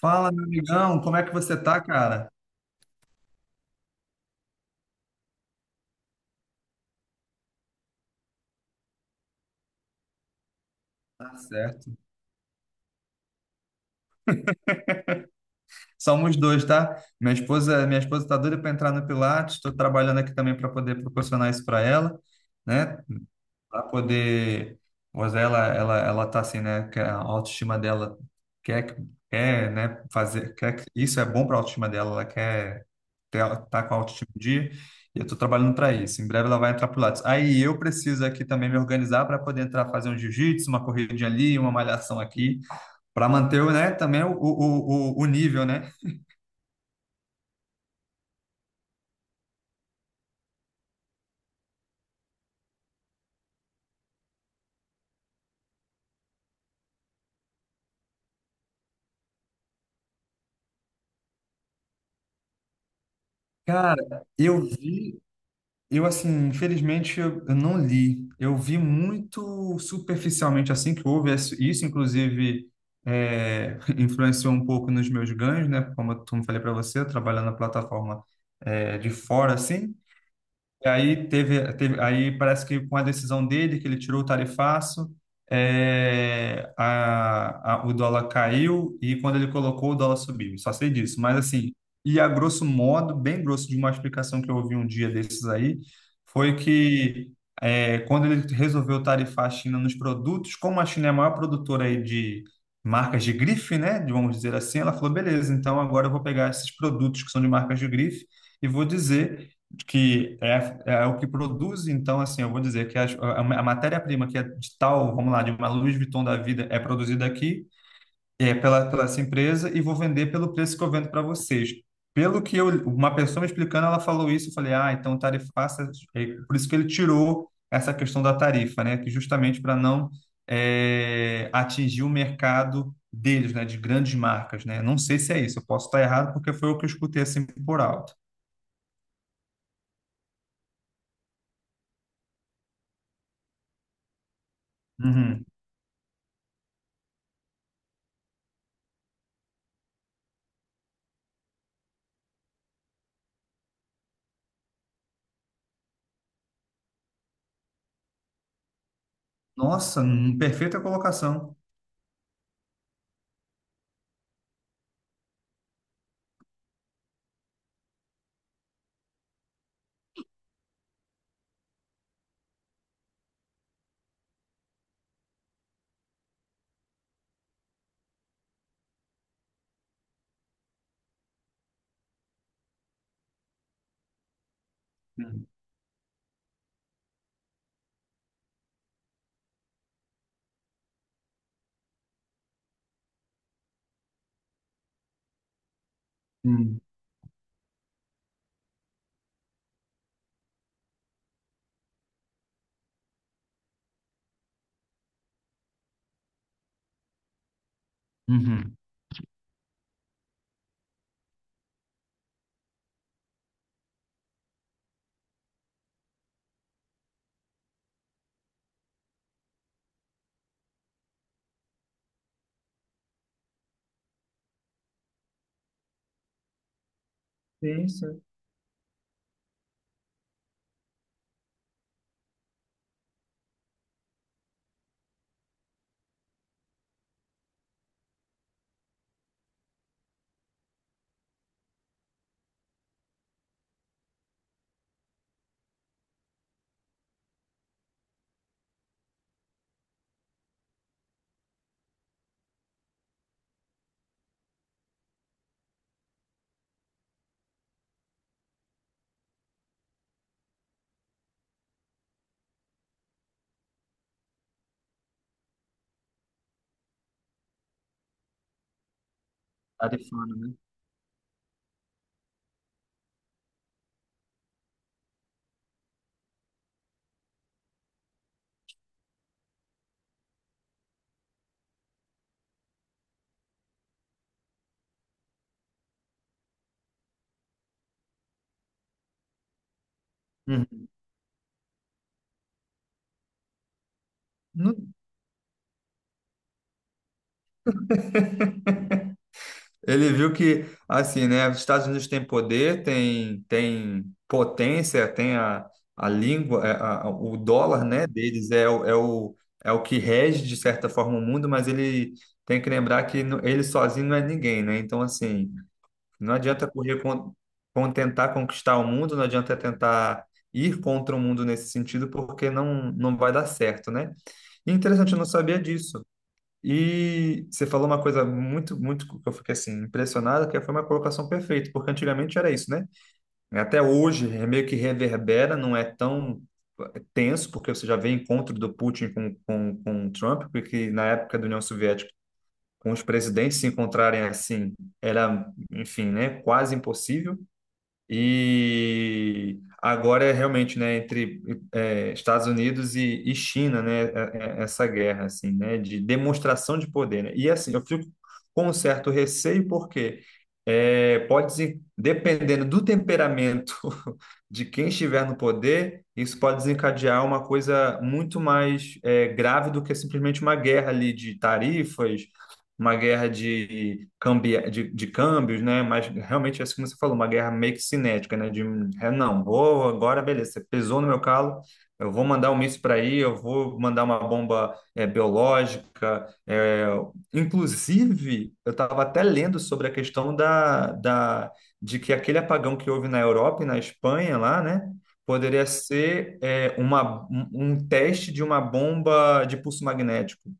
Fala, meu amigão, como é que você tá, cara? Tá certo. Somos dois, tá? Minha esposa tá doida para entrar no Pilates, estou trabalhando aqui também para poder proporcionar isso para ela, né? Para poder, pois ela tá assim, né? Que a autoestima dela quer, que- quer, né? Fazer, quer que isso é bom para a autoestima dela, ela quer ter, tá com a autoestima em dia. E eu estou trabalhando para isso. Em breve ela vai entrar pro Pilates. Aí eu preciso aqui também me organizar para poder entrar fazer um jiu-jitsu, uma corridinha ali, uma malhação aqui. Para manter, o né, também o nível, né? Cara, eu vi, eu assim, infelizmente eu não li. Eu vi muito superficialmente assim que houve isso, inclusive influenciou um pouco nos meus ganhos, né? Como eu falei para você, trabalhando na plataforma de fora assim. E aí aí parece que com a decisão dele que ele tirou o tarifaço, o dólar caiu e quando ele colocou o dólar subiu. Só sei disso, mas assim, e a grosso modo, bem grosso de uma explicação que eu ouvi um dia desses aí, foi que quando ele resolveu tarifar a China nos produtos, como a China é a maior produtora aí de marcas de grife, né, vamos dizer assim, ela falou, beleza, então agora eu vou pegar esses produtos que são de marcas de grife e vou dizer que é o que produz, então, assim, eu vou dizer que a matéria-prima que é de tal, vamos lá, de uma Louis Vuitton da vida, é produzida aqui, é pela, pela essa empresa, e vou vender pelo preço que eu vendo para vocês. Pelo que eu, uma pessoa me explicando, ela falou isso, eu falei, ah, então tarifaça, é por isso que ele tirou essa questão da tarifa, né, que justamente para não atingir o mercado deles, né, de grandes marcas, né, não sei se é isso, eu posso estar errado porque foi o que eu escutei, assim, por alto. Uhum. Nossa, perfeita colocação. Hum. Hum. Uhum. Sim, sim. Tarifano, né? Uhum. No- Ele viu que, assim, né, os Estados Unidos têm poder, tem, tem potência, tem a língua, é, o dólar, né, deles é, o, é o é o que rege, de certa forma, o mundo, mas ele tem que lembrar que ele sozinho não é ninguém, né? Então, assim, não adianta correr tentar conquistar o mundo, não adianta tentar ir contra o mundo nesse sentido, porque não, não vai dar certo, né? E é interessante, eu não sabia disso. E você falou uma coisa muito, muito que eu fiquei assim impressionado, que foi uma colocação perfeita, porque antigamente era isso, né? Até hoje é meio que reverbera, não é tão tenso, porque você já vê encontro do Putin com o Trump, porque na época da União Soviética, com os presidentes se encontrarem assim, era, enfim, né, quase impossível. E agora é realmente, né, entre Estados Unidos e China, né, essa guerra, assim, né, de demonstração de poder, né? E assim, eu fico com um certo receio porque pode, dependendo do temperamento de quem estiver no poder, isso pode desencadear uma coisa muito mais grave do que simplesmente uma guerra ali de tarifas, uma guerra de, de câmbios, né? Mas realmente, assim como você falou, uma guerra meio que cinética, né? De, não, vou agora, beleza, você pesou no meu calo, eu vou mandar um míssil para aí, eu vou mandar uma bomba biológica. Inclusive, eu estava até lendo sobre a questão de que aquele apagão que houve na Europa e na Espanha lá, né? Poderia ser uma, um um teste de uma bomba de pulso magnético.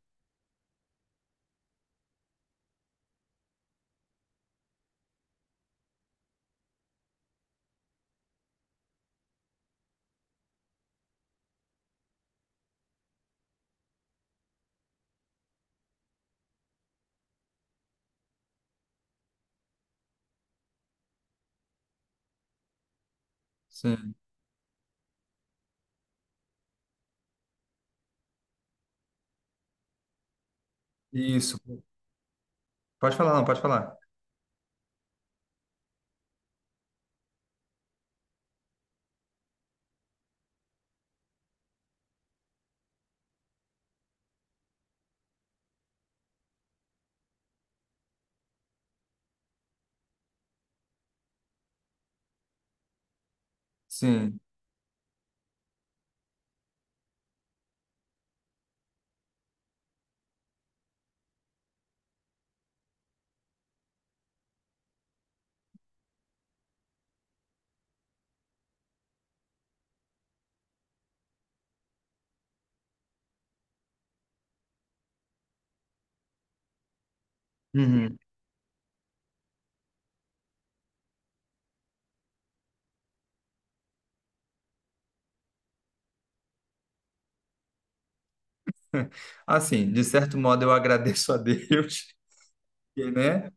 Sim. Isso, pode falar, não, pode falar. Sim. Uhum. Assim, de certo modo eu agradeço a Deus, porque, né?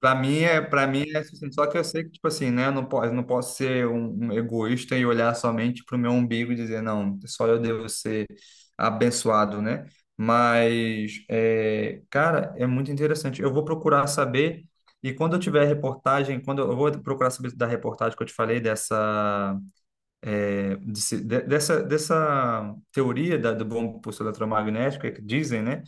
Para mim é assim, só que eu sei que tipo assim, né, eu não posso, não posso ser um egoísta e olhar somente para o meu umbigo e dizer, não, só eu devo ser abençoado, né? Mas é, cara, é muito interessante. Eu vou procurar saber e quando eu tiver reportagem, eu vou procurar saber da reportagem que eu te falei dessa dessa teoria da, do bom impulso eletromagnético, é que dizem, né?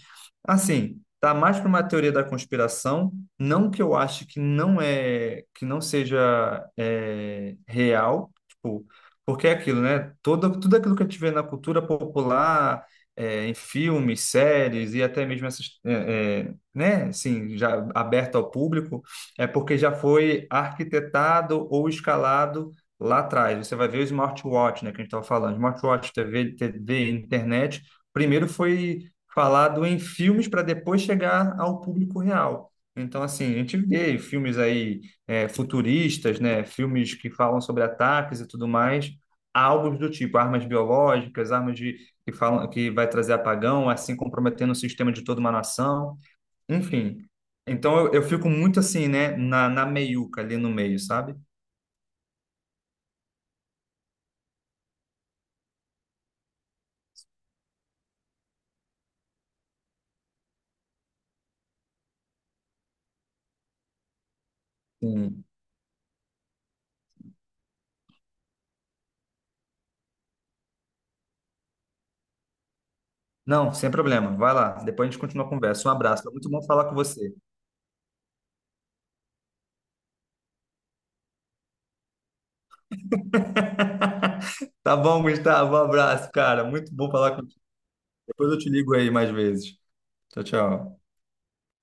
Assim, tá mais para uma teoria da conspiração, não que eu ache que não é, que não seja real, tipo, porque é aquilo, né? Todo, tudo aquilo que a gente vê na cultura popular, é, em filmes, séries e até mesmo essas, né? Assim, já aberto ao público, é porque já foi arquitetado ou escalado lá atrás, você vai ver o smartwatch, né, que a gente estava falando, smartwatch, TV, internet, primeiro foi falado em filmes para depois chegar ao público real. Então, assim, a gente vê filmes aí é, futuristas, né, filmes que falam sobre ataques e tudo mais, algo do tipo, armas biológicas, armas de, que falam que vai trazer apagão, assim comprometendo o sistema de toda uma nação, enfim. Então, eu fico muito assim, né, na meiuca ali no meio, sabe? Não, sem problema. Vai lá. Depois a gente continua a conversa. Um abraço. Foi muito bom falar com você. Tá bom, Gustavo. Um abraço, cara. Muito bom falar contigo. Depois eu te ligo aí mais vezes. Tchau, tchau.